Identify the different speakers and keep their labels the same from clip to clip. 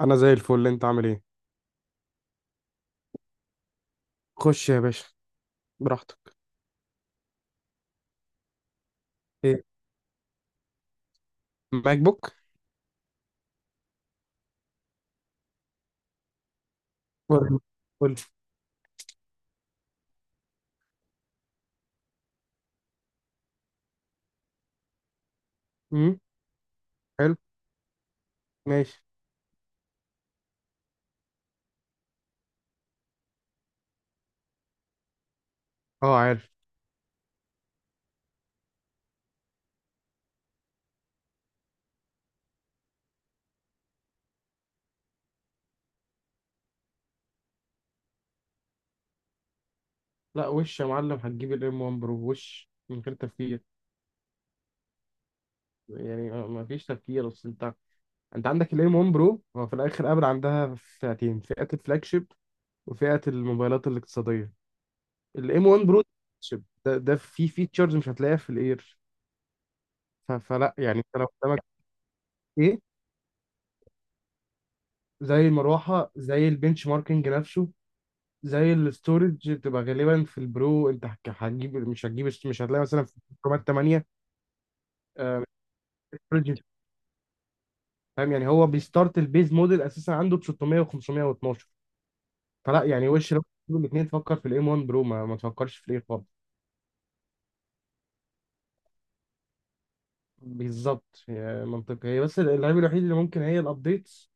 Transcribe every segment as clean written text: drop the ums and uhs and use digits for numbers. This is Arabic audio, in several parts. Speaker 1: انا زي الفل. انت عامل ايه؟ خش يا باشا، براحتك. ايه، ماك بوك؟ قول. قول. امم. حلو، ماشي. اه، عارف. لا، وش يا معلم، هتجيب الام 1 برو وش من غير تفكير. يعني ما فيش تفكير، اصل انت عندك الام 1 برو. هو في الاخر ابل عندها فئتين: فئه الفلاج شيب وفئه الموبايلات الاقتصاديه. الام 1 برو شيب ده فيه فيتشرز مش هتلاقيها في الاير. فلا يعني انت لو قدامك. ايه. زي المروحه، زي البنش ماركينج نفسه، زي الاستورج بتبقى غالبا في البرو. انت هك- هتجيب مش هتجيب مش هتلاقي مثلا في رامات 8. آه، الاستورج، فاهم. يعني هو بيستارت البيز موديل اساسا عنده ب 600 و512. فلا يعني، وش لو تجيب الاثنين، تفكر في الام 1 برو، ما تفكرش في الايه خالص. بالظبط، هي منطقي، هي بس العيب الوحيد اللي ممكن هي الابديتس.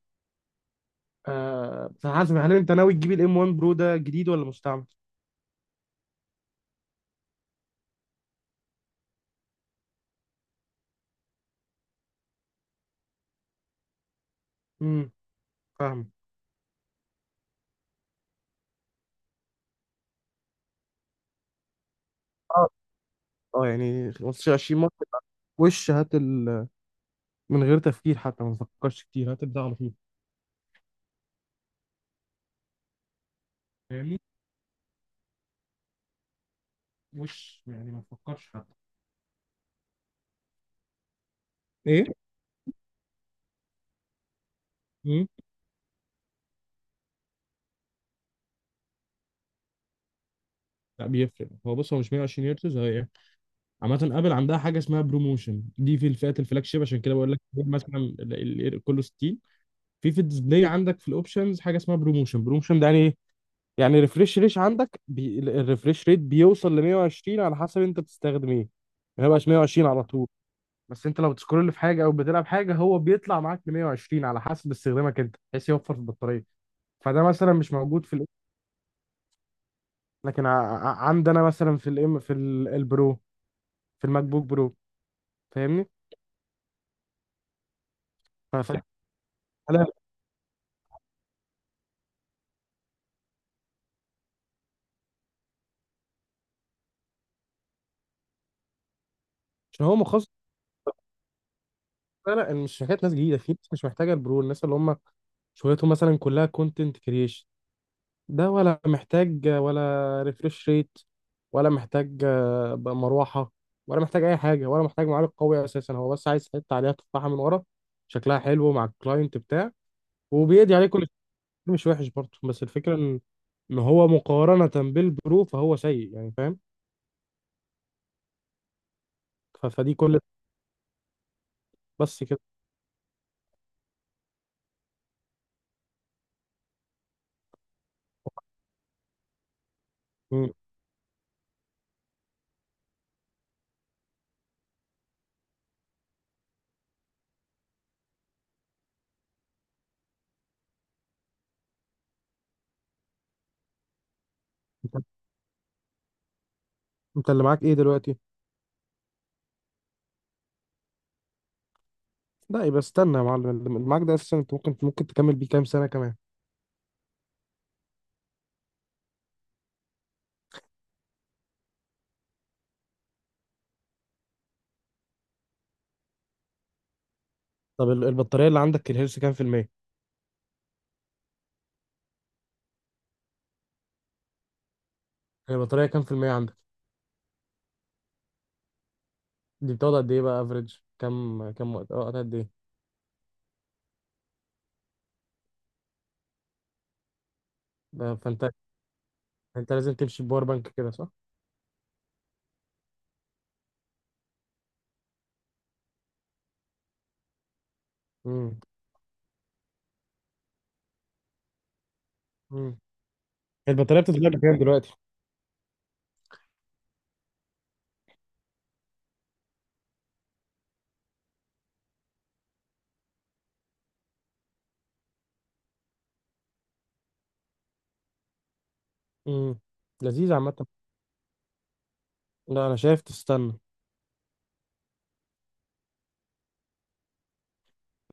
Speaker 1: آه، فحسب، هل انت ناوي تجيب الام 1 برو ده جديد ولا مستعمل؟ امم. فاهم. اه. اه، يعني 15 20 مره. وش هات من غير تفكير، حتى ما تفكرش كتير، هات البتاع على طول. فاهمني؟ مش يعني ما تفكرش حتى. ايه. مم. لا، بيفرق. هو، بص، هو مش 120 هرتز، هي ايه؟ عامة ابل عندها حاجة اسمها بروموشن، دي في الفئات الفلاج شيب، عشان كده بقول لك. مثلا كله 60، في الديسبلاي عندك في الاوبشنز حاجة اسمها بروموشن. بروموشن ده يعني ايه؟ يعني ريفريش ريت عندك، الريفريش ريت بيوصل ل 120 على حسب انت بتستخدم ايه، ما بقاش 120 على طول. بس انت لو بتسكرول في حاجة او بتلعب حاجة، هو بيطلع معاك ل 120 على حسب استخدامك انت، بحيث يوفر في البطارية. فده مثلا مش موجود في، لكن عندنا مثلا في الام، في البرو، في الماك بوك برو، فاهمني؟ ف- ف- لا، عشان هو مخصص. لا لا، مش حكايه ناس جديده، في ناس مش محتاجه البرو، الناس اللي هم شغلتهم مثلا كلها كونتنت كريشن. ده ولا محتاج ولا ريفرش ريت، ولا محتاج بقى مروحه، ولا محتاج اي حاجه، ولا محتاج معالج قوي اساسا. هو بس عايز حته عليها تفاحه من ورا، شكلها حلو مع الكلاينت بتاع، وبيدي عليه كل شيء. مش وحش برضه، بس الفكره إن هو مقارنه بالبرو فهو سيء، يعني فاهم. فدي كل، بس كده. م. انت انت اللي معاك ايه دلوقتي؟ لا، يبقى استنى يا معلم. اللي معاك ده اساسا انت ممكن تكمل بيه كام سنه كمان. طب البطاريه اللي عندك، الهيلث كام في الميه؟ البطاريه كام في الميه عندك؟ دي بتقعد قد ايه، بقى افريج كام وقت؟ اه، قد ايه؟ ده فانت لازم تمشي بباور بانك كده، صح؟ امم. امم. البطاريه بتتغير بكام دلوقتي؟ امم. لذيذ، عامه. لا، انا شايف تستنى.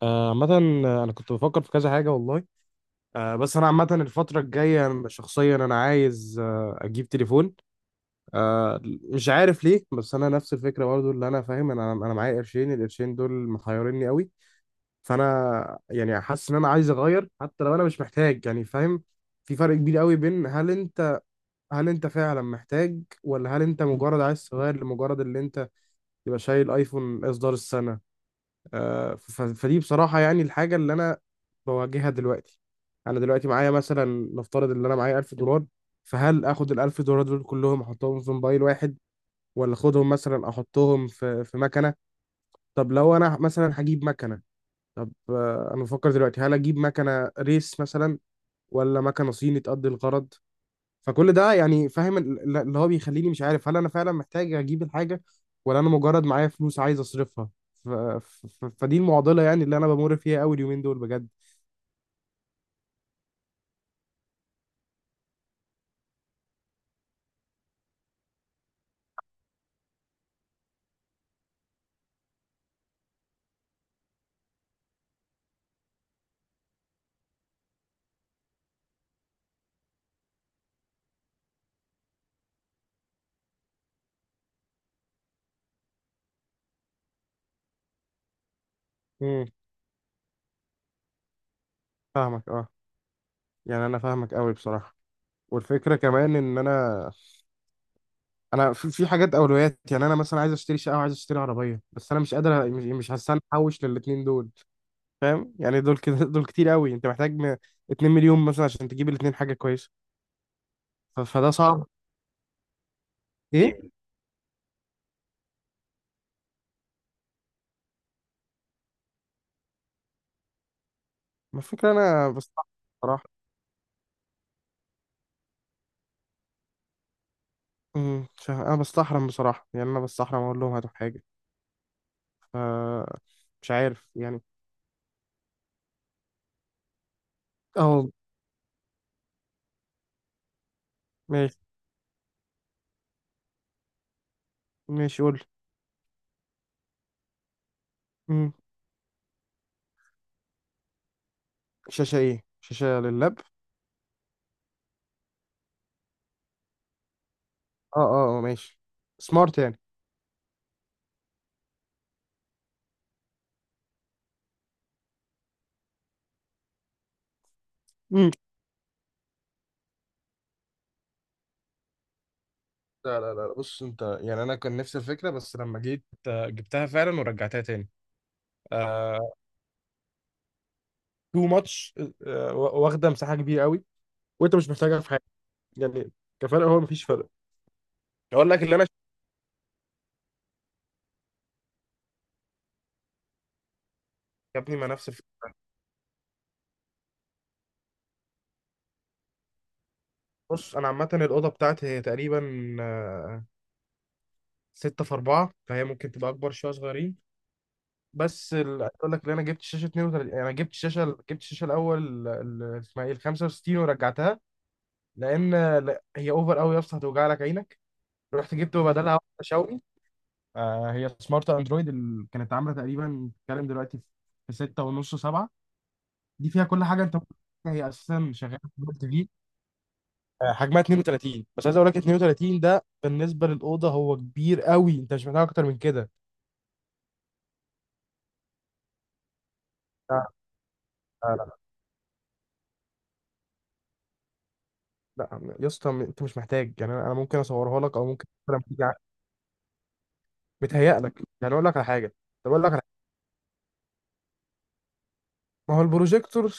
Speaker 1: عامه، انا كنت بفكر في كذا حاجه والله. بس انا عامه الفتره الجايه، أنا شخصيا انا عايز اجيب تليفون. مش عارف ليه، بس انا نفس الفكره برضو اللي انا فاهم. انا معايا قرشين، القرشين دول محيرني قوي. فانا يعني حاسس ان انا عايز اغير حتى لو انا مش محتاج، يعني فاهم؟ في فرق كبير قوي بين هل انت فعلا محتاج، ولا هل انت مجرد عايز تغير لمجرد اللي انت تبقى شايل ايفون اصدار السنه. فدي بصراحه يعني الحاجه اللي انا بواجهها دلوقتي. انا دلوقتي معايا مثلا، نفترض ان انا معايا 1000 دولار. فهل اخد ال 1000 دولار دول كلهم احطهم في موبايل واحد، ولا اخدهم مثلا احطهم في مكنه؟ طب لو انا مثلا هجيب مكنه، طب انا بفكر دلوقتي، هل اجيب مكنه ريس مثلا، ولا مكنه صيني تقضي الغرض؟ فكل ده يعني، فاهم، اللي هو بيخليني مش عارف، هل انا فعلا محتاج اجيب الحاجه، ولا انا مجرد معايا فلوس عايز اصرفها. فدي المعضله يعني اللي انا بمر فيها قوي اليومين دول بجد. امم. فاهمك، اه. يعني انا فاهمك قوي بصراحه. والفكره كمان ان انا في حاجات اولويات. يعني انا مثلا عايز اشتري شقه وعايز اشتري عربيه، بس انا مش قادر، مش هستنى احوش للاتنين دول، فاهم؟ يعني دول كده دول كتير قوي. انت محتاج 2 مليون مثلا عشان تجيب الاتنين حاجه كويسه. فده صعب. ايه. ما الفكره انا بستحرم بصراحه. امم، مش عارف، انا بستحرم بصراحه، يعني انا بستحرم اقول لهم هاتوا حاجه. ف مش عارف يعني. اه، ماشي. ماشي، قول لي. امم. شاشه ايه؟ شاشه لللاب؟ اه. اه. ماشي. سمارت. يعني لا لا لا، بص انت، يعني انا كان نفس الفكره، بس لما جيت جبتها فعلا ورجعتها تاني. آه، تو ماتش، واخده مساحه كبيره قوي، وانت مش محتاجها في حاجه. يعني كفرق هو مفيش فرق. اقول لك اللي انا شايفه، يا ابني مع نفس الفكره. بص انا عامه الاوضه بتاعتي هي تقريبا آه، ستة في أربعة، فهي ممكن تبقى اكبر شويه، صغيرين. بس عايز اقول لك، اللي انا جبت شاشه 32، انا جبت شاشه جبت الشاشه الاول، اسمها ايه، ال 65 ورجعتها، لان لا، هي اوفر قوي يا اسطى، هتوجع لك عينك. رحت جبت بدلها واحدة شاومي. هي سمارت اندرويد، اللي كانت عامله تقريبا، بتتكلم دلوقتي، في 6 ونص 7. دي فيها كل حاجه انت ممكن تتخيلها. هي اساسا شغاله في جوجل تي في. حجمها 32، بس عايز اقول لك 32 ده بالنسبه للاوضه هو كبير قوي، انت مش محتاج اكتر من كده. لا لا لا لا. يا اسطى، انت مش محتاج، يعني انا ممكن اصورها لك، او ممكن لما تيجي متهيأ لك، يعني اقول لك على حاجه. طب اقول لك على حاجه، ما هو البروجيكتور.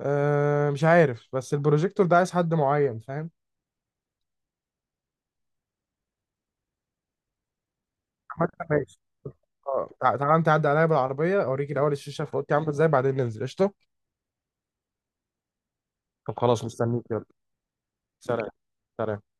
Speaker 1: مش عارف، بس البروجيكتور ده عايز حد معين، فاهم. عامة، اه، تعالى انت عدى عليا بالعربيه، اوريك الاول الشاشه في اوضتي عامله ازاي، بعدين ننزل. قشطه. طب خلاص، مستنيك، يلا. سلام. سلام.